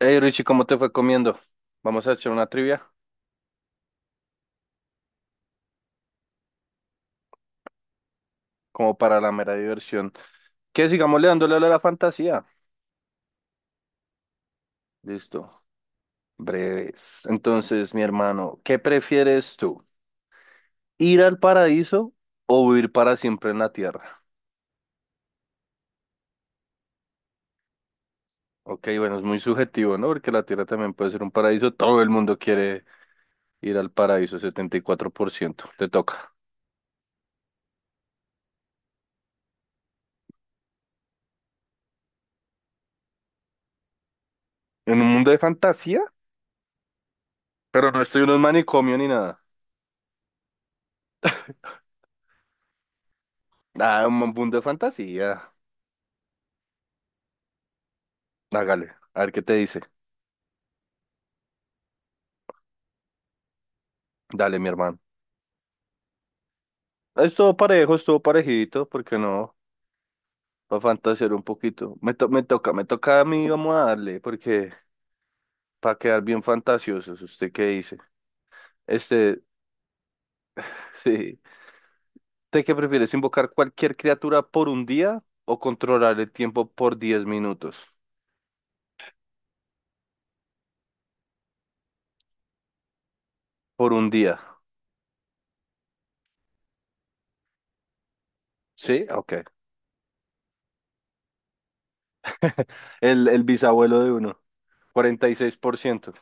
Hey Richie, ¿cómo te fue comiendo? Vamos a echar una trivia como para la mera diversión. Que sigamos le dándole a la fantasía. Listo, breves. Entonces, mi hermano, ¿qué prefieres tú? ¿Ir al paraíso o vivir para siempre en la tierra? Ok, bueno, es muy subjetivo, ¿no? Porque la tierra también puede ser un paraíso. Todo el mundo quiere ir al paraíso, 74%. Te toca. En un mundo de fantasía, pero no estoy en un manicomio ni nada. Ah, un mundo de fantasía. Hágale, a ver qué te dice. Dale, mi hermano. Estuvo parejo, estuvo parejito, porque no, para fantasear un poquito. Me toca, me toca a mí, vamos a darle, porque para quedar bien fantasiosos, ¿usted qué dice? Este, sí. ¿Usted qué prefieres, invocar cualquier criatura por un día o controlar el tiempo por diez minutos? Por un día. ¿Sí? Ok. El bisabuelo de uno, 46%.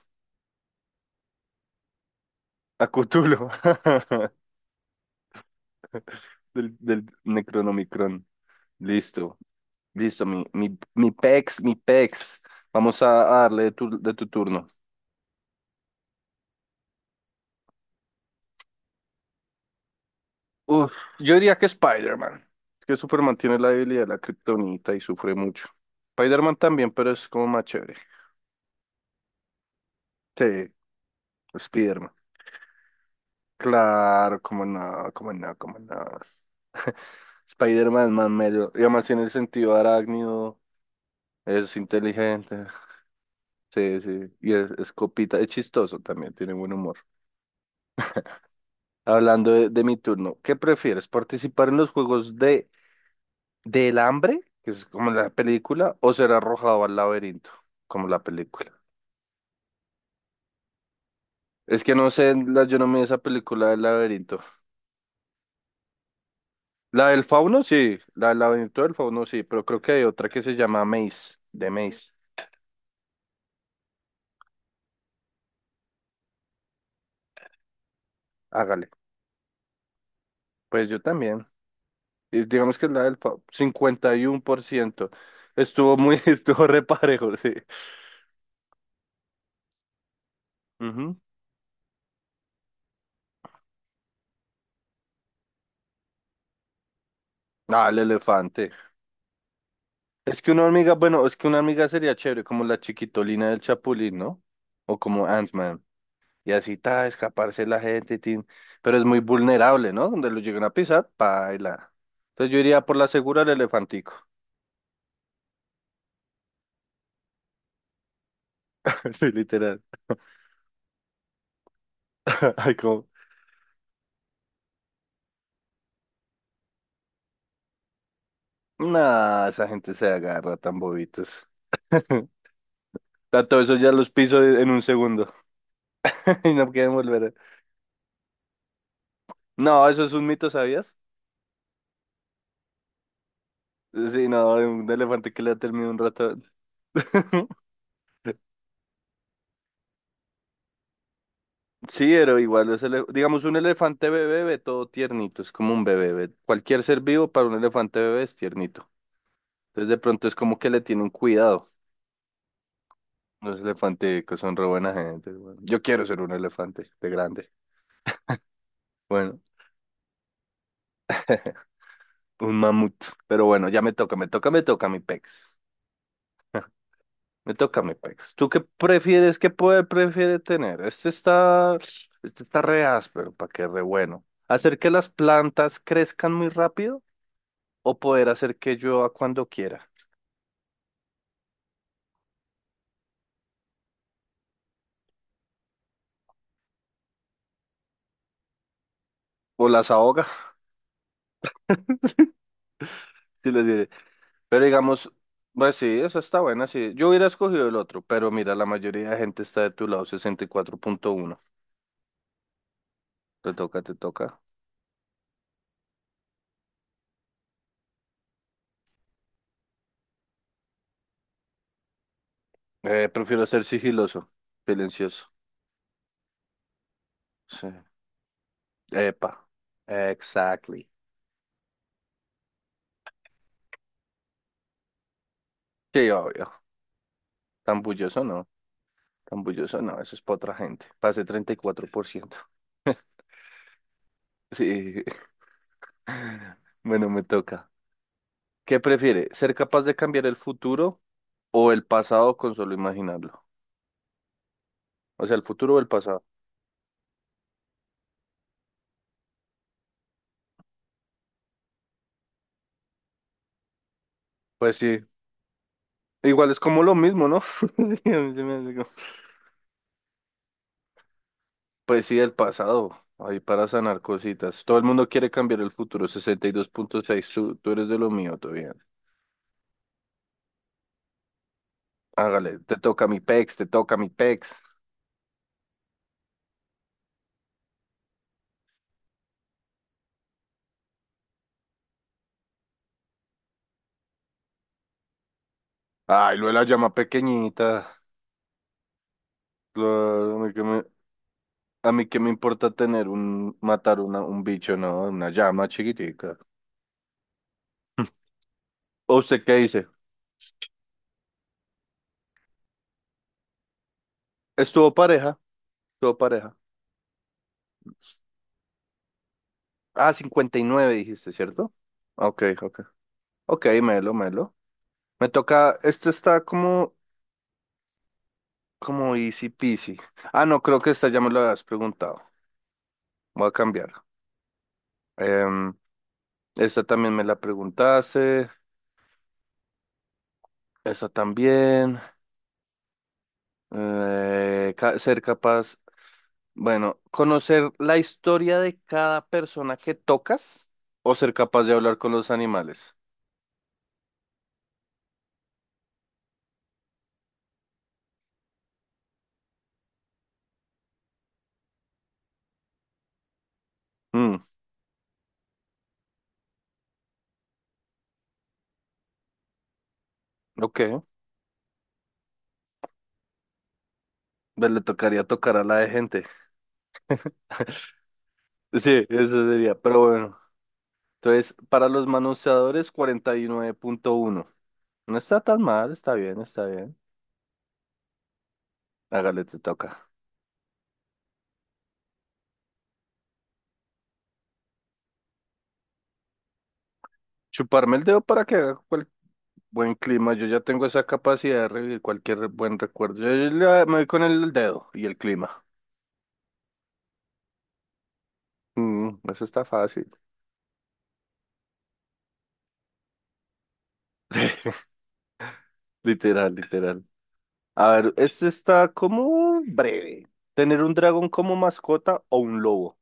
A Cthulhu, del Necronomicron. Listo. Listo, mi pex, mi pex. Vamos a darle de tu turno. Uf, yo diría que Spider-Man. Es que Superman tiene la debilidad de la kriptonita y sufre mucho. Spider-Man también, pero es como más chévere. Sí, Spider-Man. Claro, como no, como no, como no. Spider-Man es más mero. Y además tiene el sentido arácnido. Es inteligente. Sí, sí. Y es copita. Es chistoso también. Tiene buen humor. Hablando de mi turno, ¿qué prefieres? ¿Participar en los juegos de del hambre, que es como la película, o ser arrojado al laberinto, como la película? Es que no sé, yo no me vi esa película del laberinto. La del fauno, sí, la del laberinto del fauno, sí, pero creo que hay otra que se llama Maze, de Maze. Hágale. Pues yo también. Y digamos que la del fauno, 51%. Estuvo muy, estuvo reparejo, sí. Ujú. Ah, el elefante. Es que una hormiga, bueno, es que una hormiga sería chévere, como la chiquitolina del Chapulín, ¿no? O como Ant-Man. Y así, ta, escaparse la gente, tin. Pero es muy vulnerable, ¿no? Donde lo lleguen a pisar, paila. Entonces yo iría por la segura el elefantico. Sí, literal. Ay, como... Nah, esa gente se agarra tan bobitos. Tanto eso ya los piso en un segundo. Y no quieren volver. No, eso es un mito, ¿sabías? Sí, no, de un elefante que le ha terminado un rato. Sí, pero igual, digamos, un elefante bebé ve todo tiernito, es como un bebé, cualquier ser vivo para un elefante bebé es tiernito. Entonces de pronto es como que le tienen cuidado. Los elefantes que son re buena gente. Bueno. Yo quiero ser un elefante de grande. Bueno, un mamut. Pero bueno, ya me toca, me toca mi pex. Me toca mi pex. ¿Tú qué prefieres, qué poder prefieres tener? Este está re áspero, para que re bueno. ¿Hacer que las plantas crezcan muy rápido o poder hacer que llueva cuando quiera? O las ahoga, si les diré. Pero digamos, pues sí, eso está buena, sí. Yo hubiera escogido el otro, pero mira, la mayoría de gente está de tu lado, 64.1. Te toca, te toca. Prefiero ser sigiloso, silencioso. Sí. Epa. Exactly. Sí, obvio. Tan bulloso no. Tan bulloso no, eso es para otra gente. Pasé 34%. Sí. Bueno, me toca. ¿Qué prefiere? ¿Ser capaz de cambiar el futuro o el pasado con solo imaginarlo? O sea, el futuro o el pasado. Pues sí, igual es como lo mismo, ¿no? Sí, a mí se me hace como- Pues sí, el pasado, ahí para sanar cositas. Todo el mundo quiere cambiar el futuro, 62.6 tú, tú eres de lo mío, todo bien. Hágale, te toca mi pex, te toca mi pex. Ay, lo de la llama pequeñita. Claro, a mí qué me importa tener un, matar una, un bicho, ¿no? Una llama chiquitica. ¿O usted qué dice? Estuvo pareja, estuvo pareja. Ah, 59 dijiste, ¿cierto? Ok, ok. Ok, melo, melo. Me toca, como easy peasy. Ah, no, creo que esta ya me lo habías preguntado. Voy a cambiar. Em, esta también me la preguntaste. Esta también. Ser capaz, bueno, conocer la historia de cada persona que tocas o ser capaz de hablar con los animales. Mm, ok. Pues le tocaría tocar a la de gente. Sí, eso sería, pero bueno. Entonces, para los manoseadores, 49.1. No está tan mal, está bien, está bien. Hágale, te toca. Chuparme el dedo para que haga cual- Buen clima. Yo ya tengo esa capacidad de revivir buen recuerdo. Me voy con el dedo y el clima. Mm, eso está fácil. Literal, literal. A ver, este está como breve. ¿Tener un dragón como mascota o un lobo?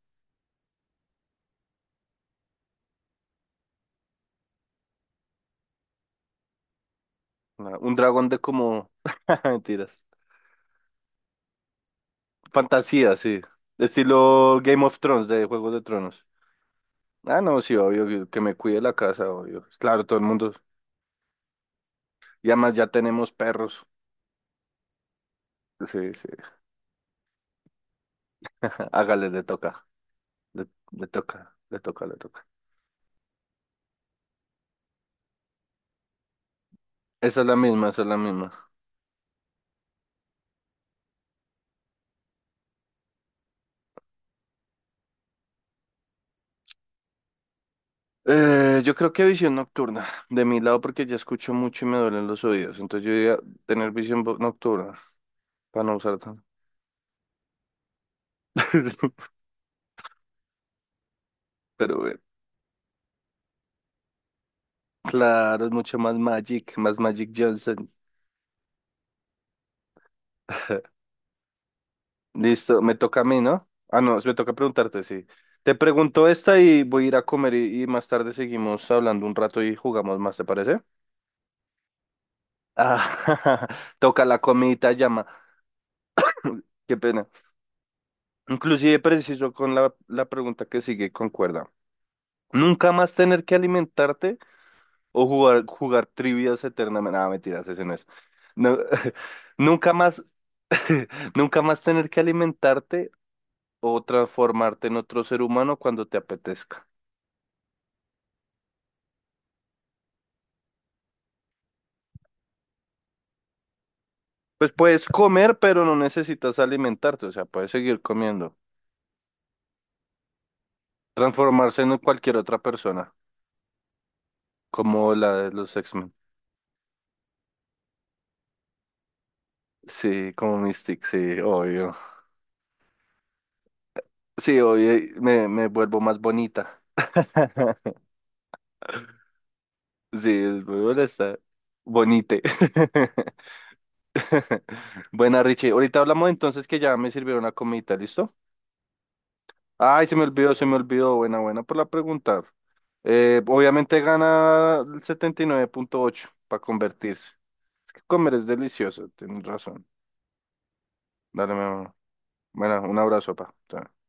Ah, un dragón de como... Mentiras. Fantasía, sí. Estilo Game of Thrones, de Juegos de Tronos. Ah, no, sí, obvio, que me cuide la casa, obvio. Claro, todo el mundo. Y además ya tenemos perros. Sí, sí. Hágale, le toca. Le, le toca, le toca, le toca. Esa es la misma, esa es la misma. Yo creo que visión nocturna. De mi lado, porque ya escucho mucho y me duelen los oídos. Entonces yo diría tener nocturna, para no usar tanto. Pero bueno. Claro, es mucho más Magic Johnson. Listo, me toca a mí, ¿no? Ah, no, me toca preguntarte, sí. Te pregunto esta y voy a ir a comer y, más tarde seguimos hablando un rato y jugamos más, ¿te parece? Ah, toca la comidita llama. Qué pena. Inclusive preciso con la pregunta que sigue, concuerda. Nunca más tener que alimentarte o jugar trivias eternamente. Ah, mentiras, ese no es. No, nunca más, nunca más tener que alimentarte o transformarte en otro ser humano cuando te apetezca. Pues puedes comer, pero no necesitas alimentarte, o sea, puedes seguir comiendo. Transformarse en cualquier otra persona, como la de los X-Men. Sí, como Mystic, sí, obvio. Sí, obvio, me vuelvo más bonita. Sí, es muy molesta. Bonite. Buena, Richie. Ahorita hablamos entonces que ya me sirvieron la comidita, ¿listo? Ay, se me olvidó, se me olvidó. Buena, buena por la pregunta. Obviamente gana el 79.8 para convertirse. Es que comer es delicioso, tienes razón. Dale, mi amor. Bueno, un abrazo, pa. Chao.